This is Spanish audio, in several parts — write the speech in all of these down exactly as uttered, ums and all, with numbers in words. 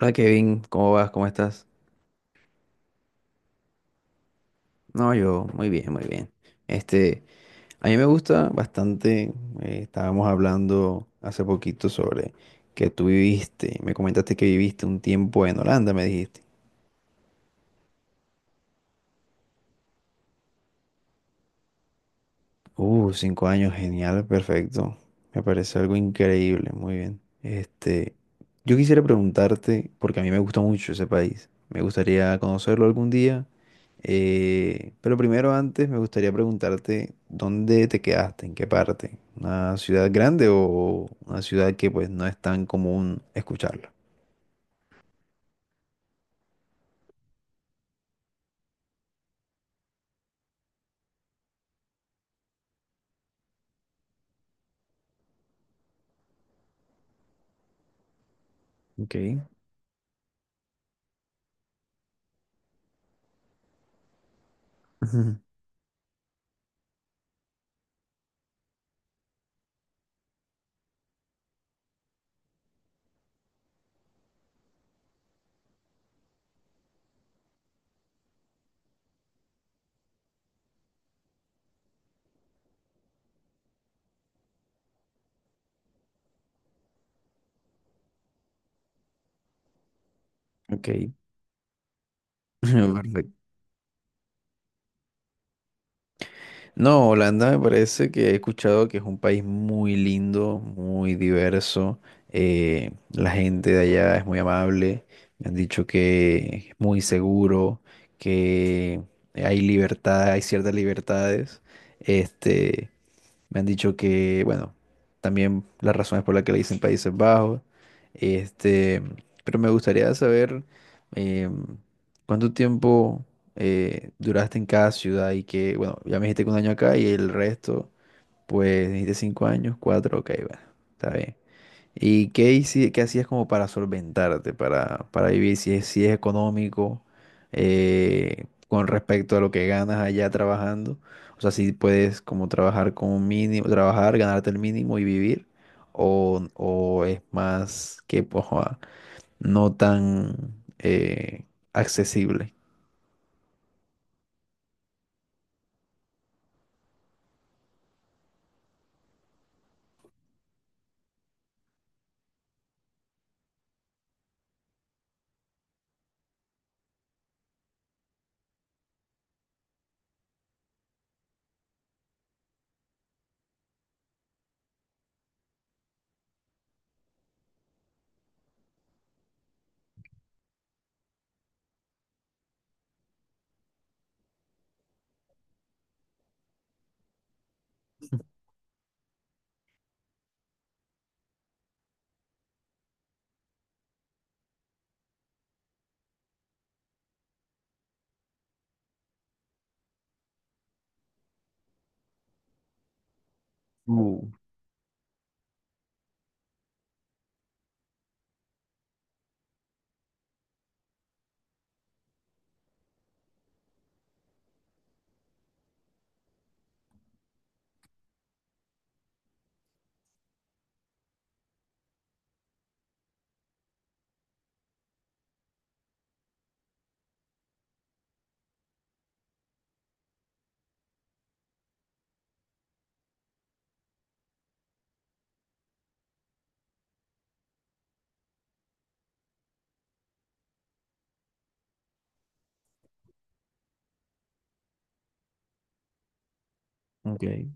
Hola Kevin, ¿cómo vas? ¿Cómo estás? No, yo muy bien, muy bien. Este, a mí me gusta bastante. Eh, estábamos hablando hace poquito sobre que tú viviste, me comentaste que viviste un tiempo en Holanda, me dijiste. Uh, cinco años, genial, perfecto. Me parece algo increíble, muy bien. Este, yo quisiera preguntarte, porque a mí me gusta mucho ese país, me gustaría conocerlo algún día, eh, pero primero antes me gustaría preguntarte dónde te quedaste, en qué parte, una ciudad grande o una ciudad que pues no es tan común escucharla. Ok. ok, perfecto. No, Holanda me parece que he escuchado que es un país muy lindo, muy diverso. Eh, la gente de allá es muy amable. Me han dicho que es muy seguro, que hay libertad, hay ciertas libertades. Este, Me han dicho que, bueno, también las razones por las que le dicen Países Bajos. Este, pero me gustaría saber eh, cuánto tiempo eh, duraste en cada ciudad. Y que, bueno, ya me dijiste que un año acá y el resto, pues dijiste cinco años, cuatro, ok, bueno, está bien. ¿Y qué, hici- qué hacías como para solventarte, para, para vivir, si es, si es económico, eh, con respecto a lo que ganas allá trabajando? O sea, si puedes como trabajar con un mínimo, trabajar, ganarte el mínimo y vivir, o, o es más que pues, ah, no tan eh, accesible. Uh, ok.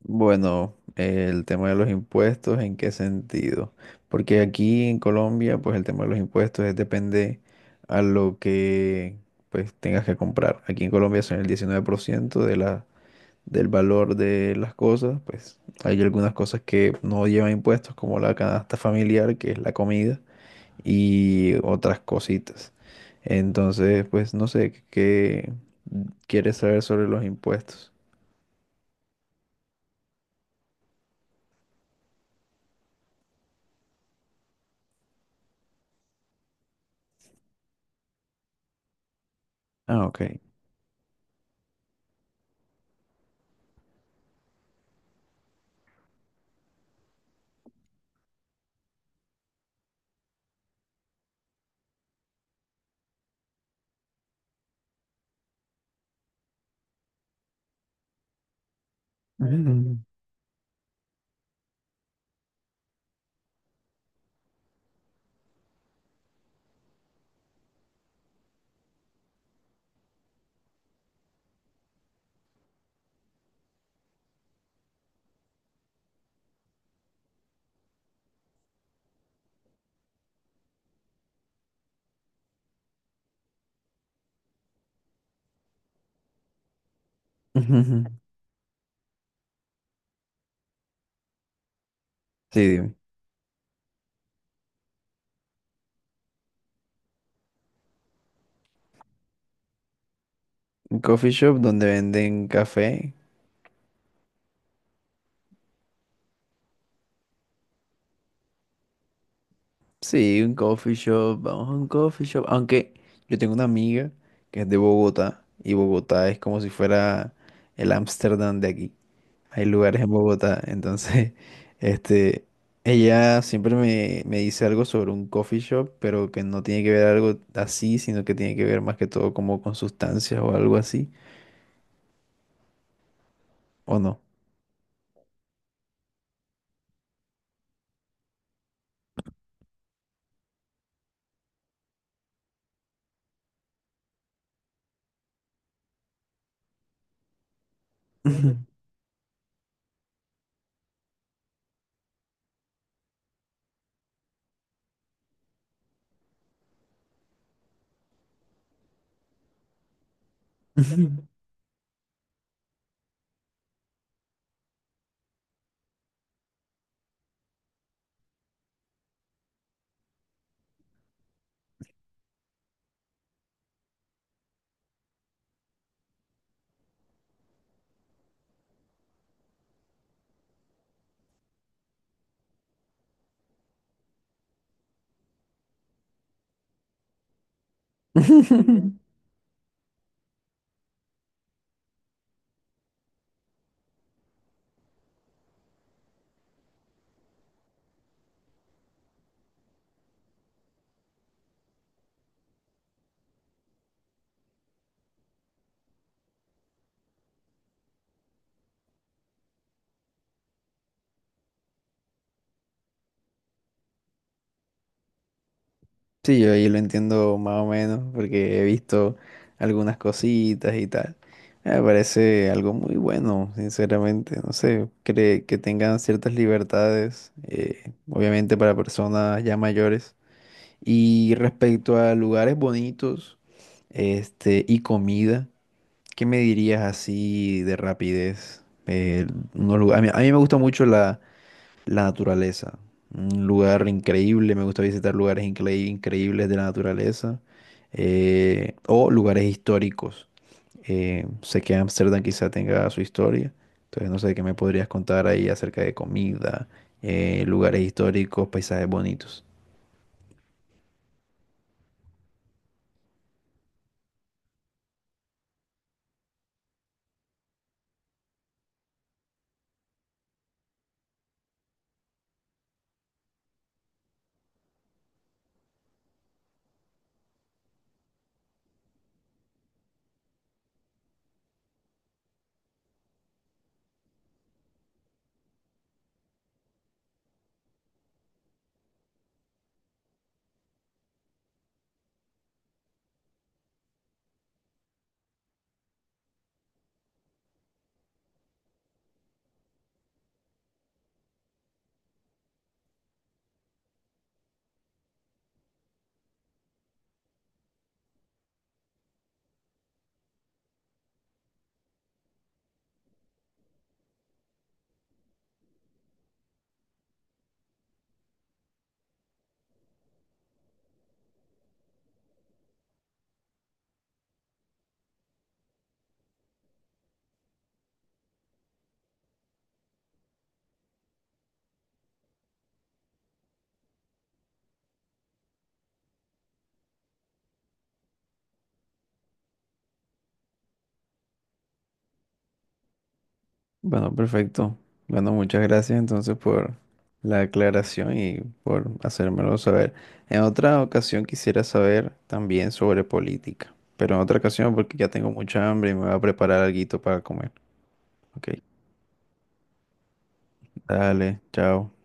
Bueno, el tema de los impuestos, ¿en qué sentido? Porque aquí en Colombia, pues el tema de los impuestos es depende a lo que pues tengas que comprar. Aquí en Colombia son el diecinueve por ciento de la, del valor de las cosas. Pues hay algunas cosas que no llevan impuestos, como la canasta familiar, que es la comida, y otras cositas. Entonces, pues no sé, ¿qué quieres saber sobre los impuestos? Ah, ok. Mm. Sí, dime. ¿Un coffee shop? Donde venden café. Sí, un coffee shop, vamos a un coffee shop. Aunque yo tengo una amiga que es de Bogotá, y Bogotá es como si fuera el Ámsterdam de aquí. Hay lugares en Bogotá, entonces, este, ella siempre me, me dice algo sobre un coffee shop, pero que no tiene que ver algo así, sino que tiene que ver más que todo como con sustancias o algo así, ¿o no? Ujú. Sí, yo ahí lo entiendo más o menos porque he visto algunas cositas y tal. Me parece algo muy bueno, sinceramente. No sé, cre- que tengan ciertas libertades, eh, obviamente para personas ya mayores. Y respecto a lugares bonitos, este, y comida, ¿qué me dirías así de rapidez? Eh, unos lugar- a mí, a mí me gusta mucho la naturaleza. Un lugar increíble. Me gusta visitar lugares incre- increíbles de la naturaleza. Eh, o lugares históricos. Eh, sé que Ámsterdam quizá tenga su historia. Entonces no sé qué me podrías contar ahí acerca de comida, eh, lugares históricos, paisajes bonitos. Bueno, perfecto. Bueno, muchas gracias entonces por la aclaración y por hacérmelo saber. En otra ocasión quisiera saber también sobre política, pero en otra ocasión porque ya tengo mucha hambre y me voy a preparar alguito para comer. Ok, dale, chao.